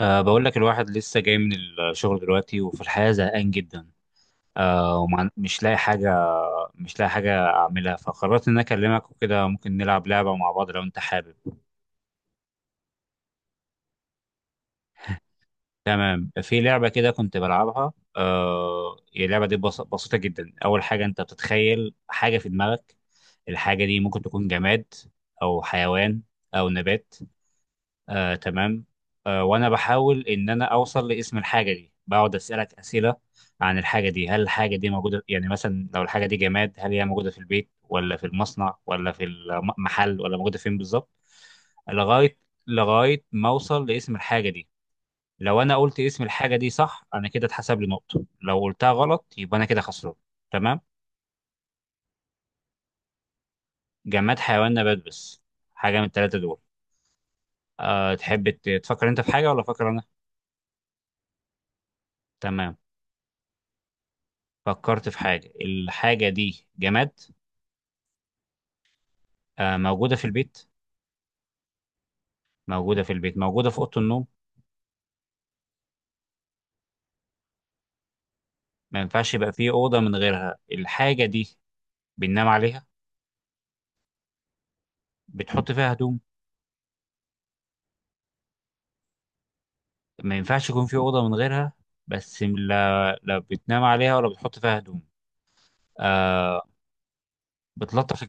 بقول لك الواحد لسه جاي من الشغل دلوقتي، وفي الحياة زهقان جدا. أه ومش لاقي حاجة مش لاقي حاجة أعملها، فقررت إن أنا أكلمك وكده ممكن نلعب لعبة مع بعض لو أنت حابب. تمام، في لعبة كده كنت بلعبها. هي اللعبة دي بس بسيطة جدا. أول حاجة، أنت بتتخيل حاجة في دماغك. الحاجة دي ممكن تكون جماد أو حيوان أو نبات. آه تمام. وانا بحاول ان انا اوصل لاسم الحاجه دي. بقعد اسالك اسئله عن الحاجه دي. هل الحاجه دي موجوده؟ يعني مثلا لو الحاجه دي جماد، هل هي موجوده في البيت ولا في المصنع ولا في المحل، ولا موجوده فين بالظبط؟ لغايه لغايه ما اوصل لاسم الحاجه دي. لو انا قلت اسم الحاجه دي صح، انا كده اتحسب لي نقطه. لو قلتها غلط، يبقى انا كده خسران. تمام. جماد، حيوان، نبات بس. حاجه من الثلاثه دول. أه، تحب تفكر انت في حاجه ولا افكر انا؟ تمام. فكرت في حاجة. الحاجة دي جماد. آه. موجودة في البيت. موجودة في البيت. موجودة في أوضة النوم. ما ينفعش يبقى في أوضة من غيرها الحاجة دي. بننام عليها؟ بتحط فيها هدوم؟ ما ينفعش يكون في أوضة من غيرها. بس لا، لا بتنام عليها ولا بتحط فيها هدوم. آه. بتلطف.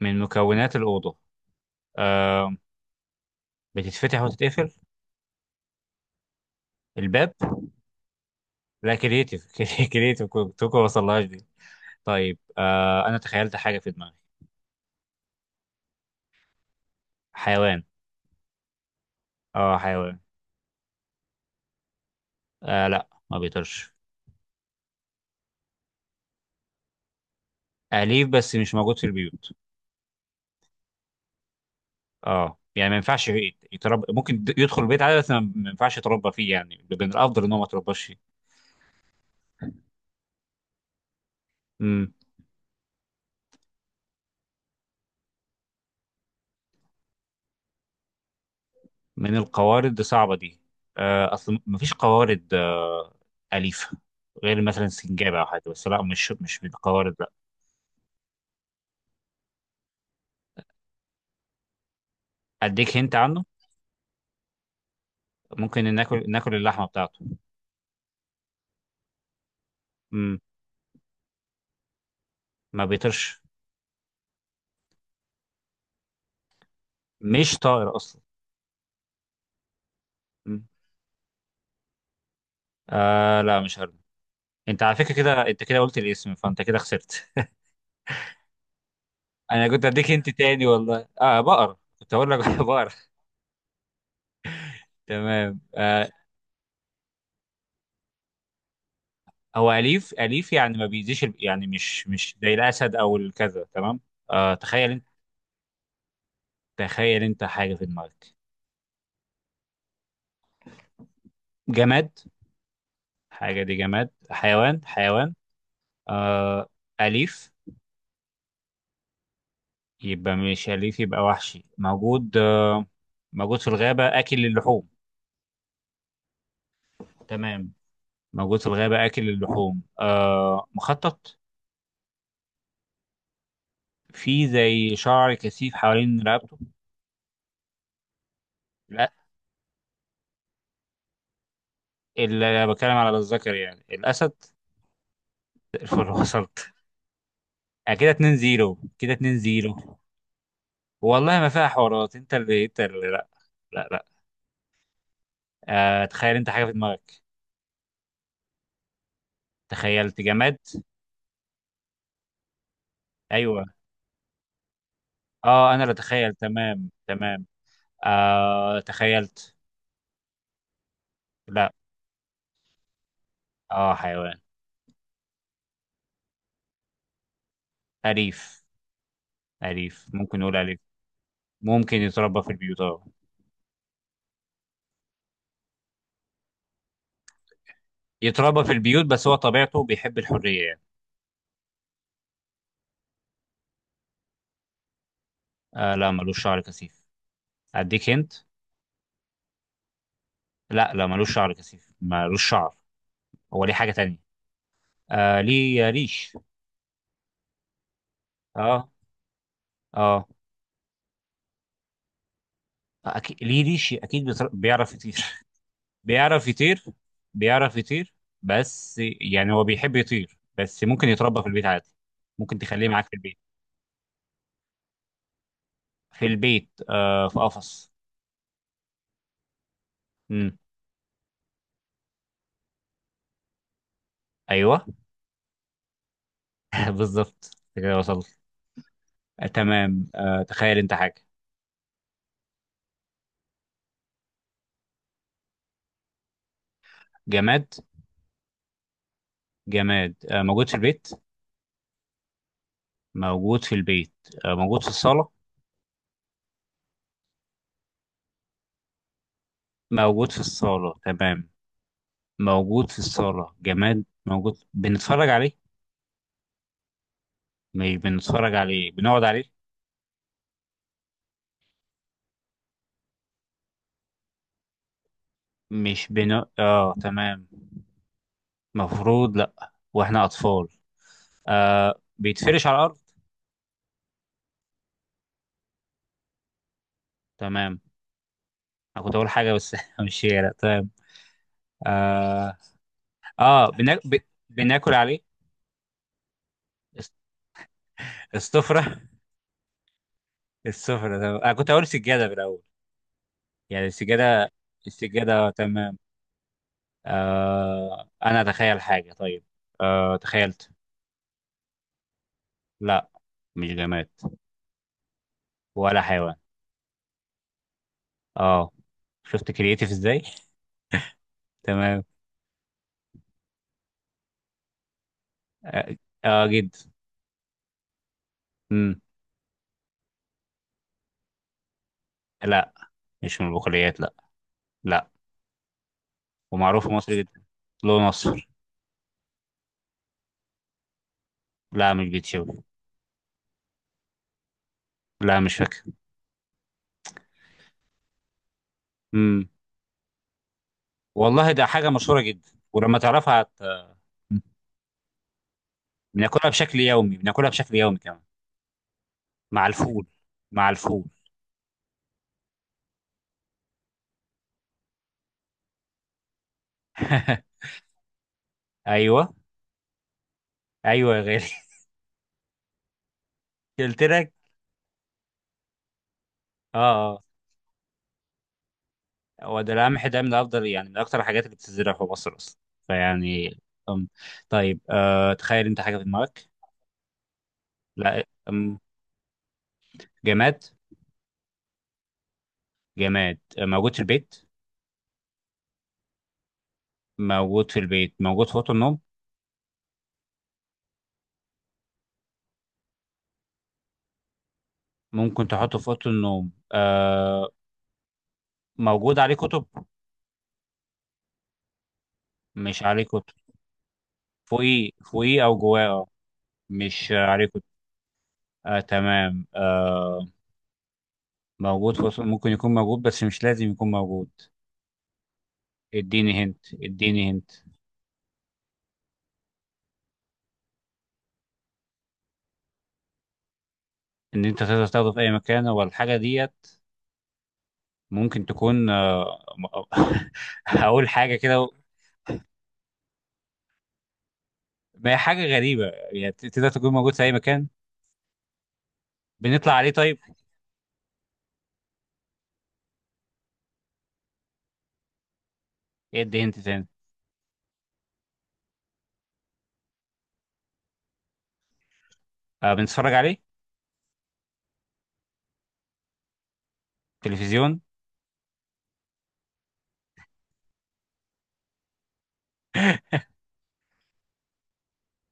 من مكونات الأوضة. آه. بتتفتح وتتقفل. الباب. لا كرييتيف كرييتيف، كنت ما وصلهاش دي. طيب، آه أنا تخيلت حاجة في دماغي. حيوان. اه حيوان. آه، لا ما بيطيرش. أليف بس مش موجود في البيوت. اه، يعني ما ينفعش يتربى. ممكن يدخل البيت عادي، بس ما ينفعش يتربى فيه. يعني من الأفضل إن هو ما يترباش فيه. مم. من القوارض. دي صعبة دي. آه، أصل ما فيش قوارض آه أليفة، غير مثلا سنجابة أو حاجة. بس لا، مش من القوارض، لا. أديك هنت عنه. ممكن ناكل اللحمة بتاعته. مم. ما بيطيرش. مش طائر أصلا. مم. آه، لا مش هرمي. أنت على فكرة كده أنت كده قلت الاسم، فأنت كده خسرت. انا كنت اديك انت تاني، والله. اه بقر، كنت اقول لك بقر. تمام آه. هو اليف، اليف يعني ما بيأذيش، يعني مش زي الاسد او الكذا. تمام. آه، تخيل انت حاجه في دماغك. جماد؟ حاجه دي جماد حيوان. حيوان. آه. اليف؟ يبقى مش اليف، يبقى وحشي. موجود آه، موجود في الغابه، اكل اللحوم. تمام. موجود في الغابه، اكل اللحوم. آه، مخطط. في زي شعر كثيف حوالين رقبته. لا، اللي بتكلم على الذكر يعني الاسد. الفل وصلت. كده 2 0، كده 2 0. والله ما فيها حوارات. انت اللي، لا، لا، لا. آه، تخيل انت حاجه في دماغك. تخيلت جماد. ايوه. اه انا اللي اتخيل، تمام تمام. آه تخيلت. لا. اه حيوان. اليف. اليف، ممكن نقول اليف. ممكن يتربى في البيوت اه. يتربى في البيوت، بس هو طبيعته بيحب الحريه يعني. آه، لا ملوش شعر كثيف. اديك هنت. لا، لا ملوش شعر كثيف، ملوش شعر. هو ليه حاجة تانية. آه، ليه ريش. اه اه. أكيد ليه ريش، أكيد بيعرف يطير بيعرف يطير. بيعرف يطير. بس يعني هو بيحب يطير، بس ممكن يتربى في البيت عادي. ممكن تخليه معاك في البيت. في البيت آه، في قفص. امم. ايوه بالظبط. أنت كده وصلت. آه تمام. آه، تخيل انت حاجة. جماد. جماد آه، موجود في البيت. موجود في البيت. آه، موجود في الصالة. موجود في الصالة تمام. موجود في الصالة، جماد موجود. بنتفرج عليه. مش بنتفرج عليه، بنقعد عليه. مش بن اه تمام. مفروض لأ. واحنا أطفال. آه، بيتفرش على الأرض. تمام. أنا كنت أقول حاجة بس مش هي، لأ تمام. اه, آه بنا... ب... بناكل عليه. الس- السفرة السفرة تمام. أنا كنت أقول سجادة في الأول، يعني السجادة. السجادة آه، تمام. آه، أنا أتخيل حاجة، طيب. آه تخيلت. لأ، مش جماد. ولا حيوان. اه. شفت كرييتيف ازاي. تمام. اه. آه، جدا. امم. لا، مش من البقوليات، لا. لا. ومعروف في مصر جدا. له نصر. لا، مش بيتشوي. لا، مش فاكر. امم. والله ده حاجه مشهوره جدا، ولما تعرفها بناكلها بشكل يومي، بناكلها بشكل يومي كمان، مع الفول. مع الفول. ايوه، ايوه يا غالي. قلت لك. اه، اه. هو ده القمح ده من افضل، يعني من اكتر الحاجات اللي بتزرع في مصر اصلا. فيعني. أم. طيب، آه تخيل انت حاجه في دماغك. لا. جماد. جماد موجود في البيت. موجود في البيت. موجود في أوضة النوم. ممكن تحطه في أوضة النوم، آه. موجود عليه كتب. مش عليه كتب. فوقيه، فوقيه أو جواه، آه. مش عليه كتب. آه تمام آه. موجود في أوضة النوم. ممكن يكون موجود بس مش لازم يكون موجود. اديني هنت. ان انت تقدر تاخده في اي مكان، والحاجه ديت ممكن تكون آه، هقول حاجه كده. ما هي حاجه غريبه. يعني تقدر تكون موجود في اي مكان. بنطلع عليه طيب. ايه، ادي انت تاني. آه، بنتفرج عليه. تلفزيون.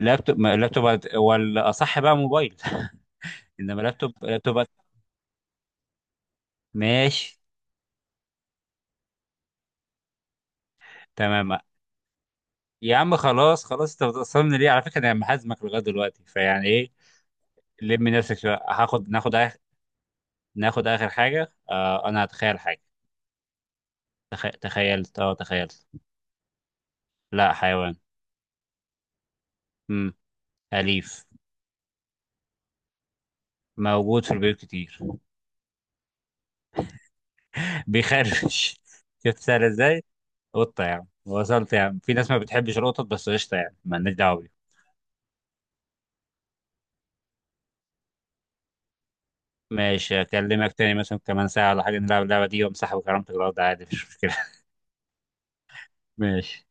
لابتوب، لابتوب. ولا اصح بقى موبايل انما لابتوب، لابتوب. ماشي. تمام. يا عم خلاص، خلاص. انت بتصمم ليه على فكره؟ انا محازمك لغايه دلوقتي، فيعني ايه. لم نفسك شويه. ناخد آخر. ناخد اخر حاجه. آه، انا هتخيل حاجه. تخيلت، اه تخيلت. لا، حيوان. امم. اليف. موجود في البيوت كتير. بيخرفش شفت سهل ازاي. قطة. يعني وصلت. يعني في ناس ما بتحبش القطط، بس قشطة، يعني مالناش دعوة بيهم. ماشي، أكلمك تاني مثلا كمان ساعة ولا حاجة، نلعب اللعبة دي وأمسحها وكرامتك الأرض عادي، مفيش مشكلة. ماشي.